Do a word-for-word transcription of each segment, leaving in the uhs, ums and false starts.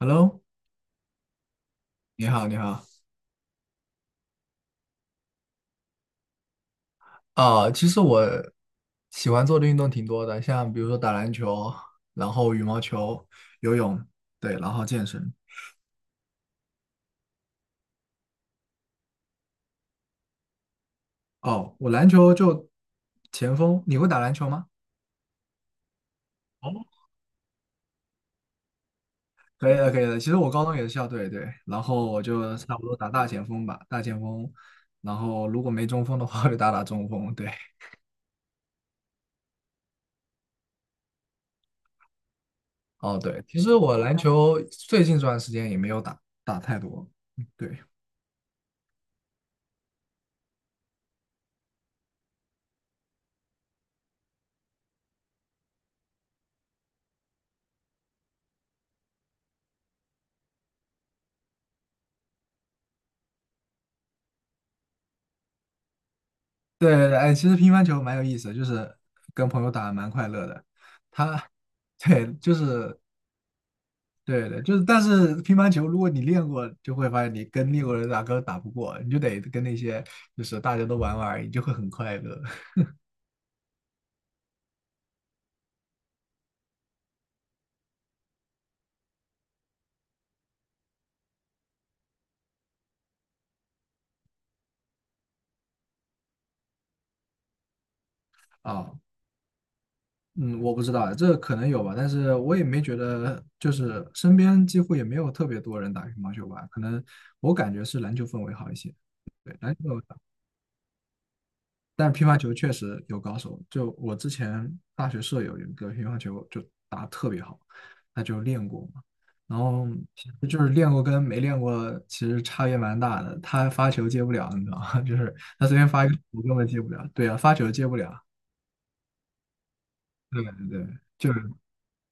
Hello，你好，你好。啊，其实我喜欢做的运动挺多的，像比如说打篮球，然后羽毛球、游泳，对，然后健身。哦，我篮球就前锋，你会打篮球吗？哦，可以的，可以的。其实我高中也是校队，对，然后我就差不多打大前锋吧，大前锋。然后如果没中锋的话，就打打中锋。对，哦，对，其实我篮球最近这段时间也没有打打太多，嗯对。对对对，哎，其实乒乓球蛮有意思的，就是跟朋友打蛮快乐的。他，对，就是对对，就是，但是乒乓球如果你练过，就会发现你跟练过的人打根本打不过，你就得跟那些就是大家都玩玩而已，你就会很快乐啊。嗯，我不知道，这可能有吧，但是我也没觉得，就是身边几乎也没有特别多人打乒乓球吧，可能我感觉是篮球氛围好一些。对，篮球。但乒乓球确实有高手，就我之前大学舍友有一个乒乓球就打得特别好，他就练过嘛，然后其实就是练过跟没练过其实差别蛮大的，他发球接不了，你知道吗？就是他随便发一个我根本接不了，对啊，发球接不了，对对对，就是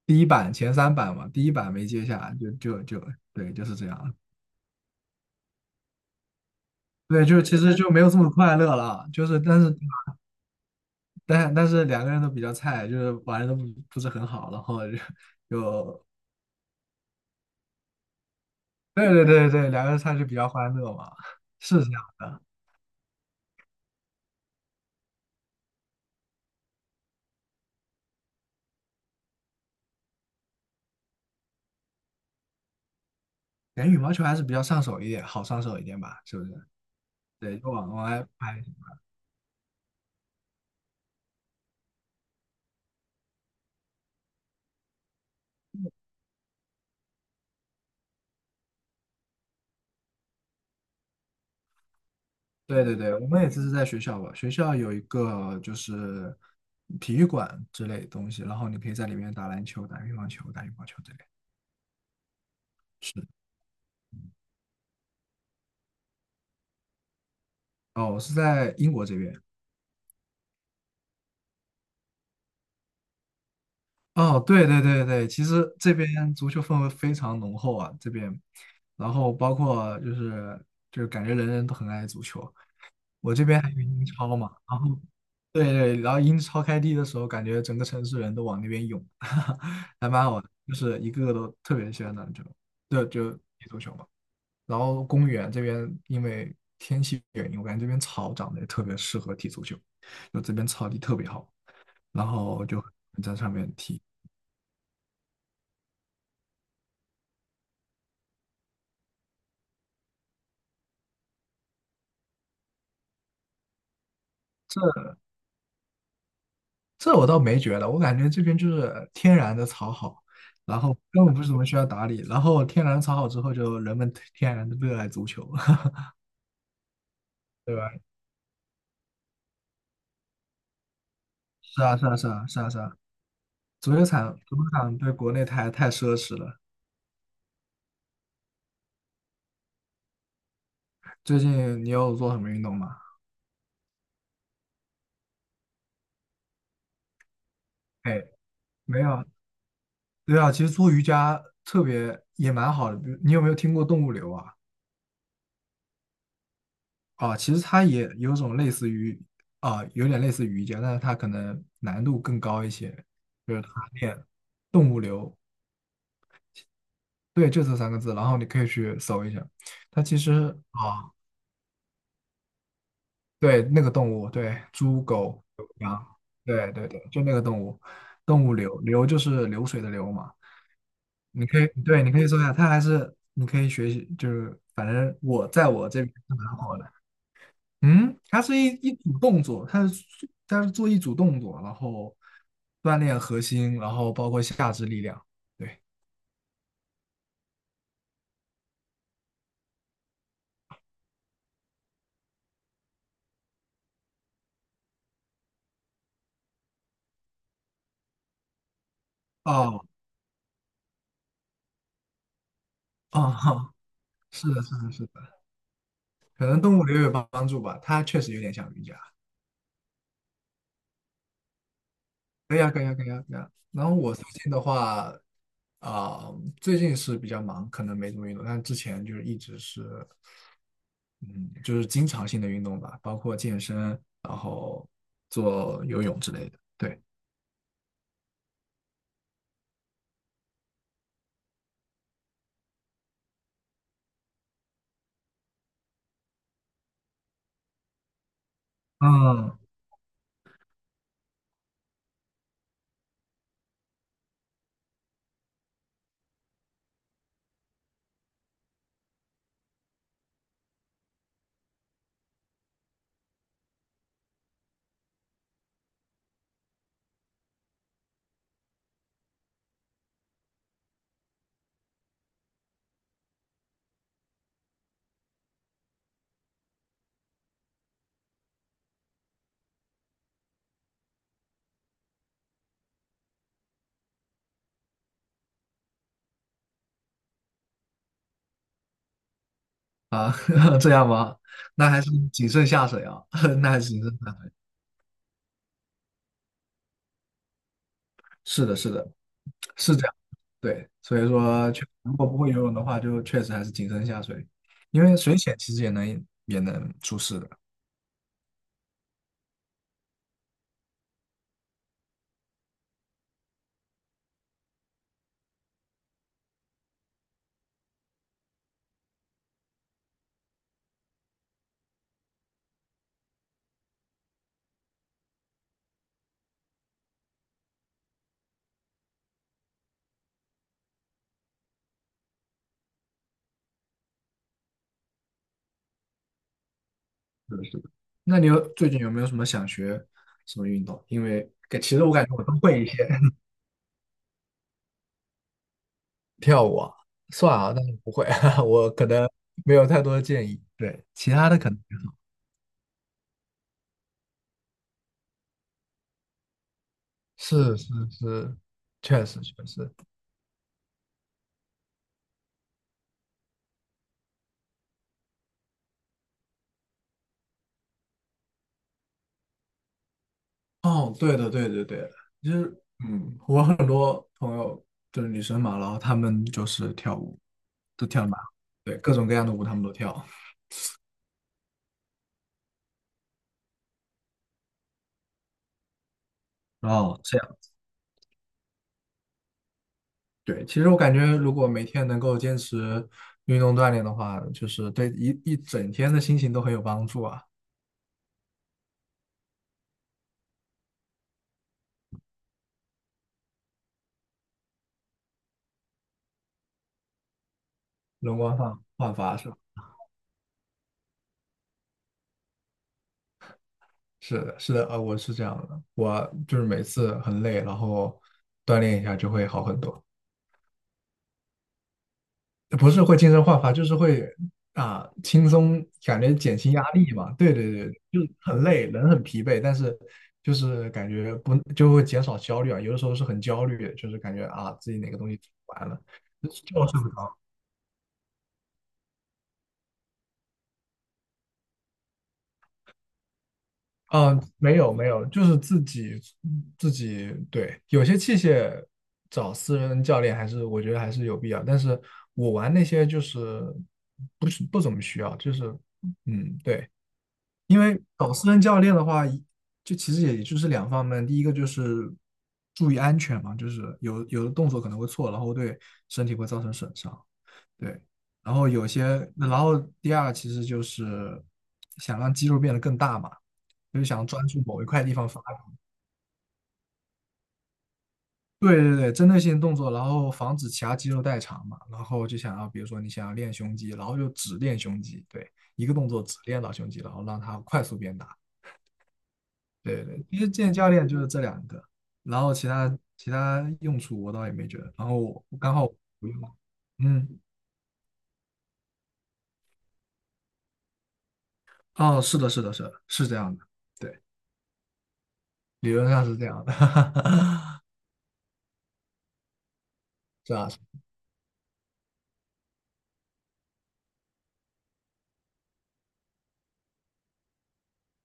第一板前三板嘛，第一板没接下就就就对，就是这样。对，就是其实就没有这么快乐了，就是但是但但是两个人都比较菜，就是玩的都不不是很好，然后就对对对对，两个人上就比较欢乐嘛，是这样的。感觉羽毛球还是比较上手一点，好上手一点吧，是不是？对，就往往外拍。对对对，我们也只是在学校吧，学校有一个就是体育馆之类的东西，然后你可以在里面打篮球、打乒乓球、打羽毛球之类的。哦，我是在英国这边。哦，对对对对，其实这边足球氛围非常浓厚啊，这边，然后包括就是就是感觉人人都很爱足球。我这边还有英超嘛，然后对对，然后英超开踢的时候，感觉整个城市人都往那边涌，还蛮好的，就是一个个都特别喜欢打篮球，对，就踢足球嘛。然后公园这边因为天气原因，我感觉这边草长得也特别适合踢足球，就这边草地特别好，然后就在上面踢。这我倒没觉得，我感觉这边就是天然的草好，然后根本不是什么需要打理，然后天然草好之后，就人们天然的热爱足球，对吧？是啊，是啊，是啊，是啊，是啊。足球场，足球场对国内太太奢侈了。最近你有做什么运动吗？哎，没有。对啊，其实做瑜伽特别也蛮好的。比如你有没有听过动物流啊？啊，其实它也有种类似于啊，有点类似于瑜伽，但是它可能难度更高一些。就是它练动物流，对，就这三个字。然后你可以去搜一下，它其实啊。对，那个动物，对，猪、狗、羊，对对对，就那个动物，动物流，流就是流水的流嘛。你可以，对，你可以搜一下，它还是你可以学习，就是反正我在我这边是蛮火的。嗯，它是一一组动作，它是它是做一组动作，然后锻炼核心，然后包括下肢力量。对，哦哦，是的，是的，是的，可能动物流有帮帮助吧，它确实有点像瑜伽。可以啊，可以啊，可以啊，可以啊。然后我最近的话，啊、最近是比较忙，可能没怎么运动，但之前就是一直是，嗯，就是经常性的运动吧，包括健身，然后做游泳之类的。对，嗯，啊，这样吗？那还是谨慎下水啊，那还是谨慎下水。是的，是的，是这样。对，所以说，确如果不会游泳的话，就确实还是谨慎下水，因为水浅其实也能也能出事的。是的，是的。那你有最近有没有什么想学什么运动？因为感其实我感觉我都会一些。跳舞啊，算啊，但是不会，我可能没有太多的建议。对，其他的可能还好是是是，确实确实。哦，对的对对对的，就是嗯，我很多朋友就是女生嘛，然后她们就是跳舞，都跳的蛮好，对，各种各样的舞她们都跳。哦，这样。对，其实我感觉，如果每天能够坚持运动锻炼的话，就是对一一整天的心情都很有帮助啊。容光焕焕发是吧？是的，是的，呃，我是这样的，我就是每次很累，然后锻炼一下就会好很多，不是会精神焕发，就是会啊轻松，感觉减轻压力嘛。对对对，就是很累，人很疲惫，但是就是感觉不就会减少焦虑啊。有的时候是很焦虑，就是感觉啊自己哪个东西做不完了。就是睡不着，嗯，呃没有没有，就是自己自己对，有些器械找私人教练还是我觉得还是有必要，但是我玩那些就是不是不怎么需要，就是嗯对，因为搞私人教练的话，就其实也就是两方面，第一个就是注意安全嘛，就是有有的动作可能会错，然后对身体会造成损伤，对。然后有些，然后第二其实就是想让肌肉变得更大嘛，就是想专注某一块地方发力。对对对，针对性动作，然后防止其他肌肉代偿嘛。然后就想要，比如说你想要练胸肌，然后就只练胸肌，对，一个动作只练到胸肌，然后让它快速变大。对对，其实见教练就是这两个，然后其他其他用处我倒也没觉得。然后我刚好我不用，嗯，哦，是的，是的，是的，是这样的，对，理论上是这样的，是啊，是啊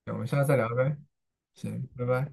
对我们下次再聊呗，行，拜拜。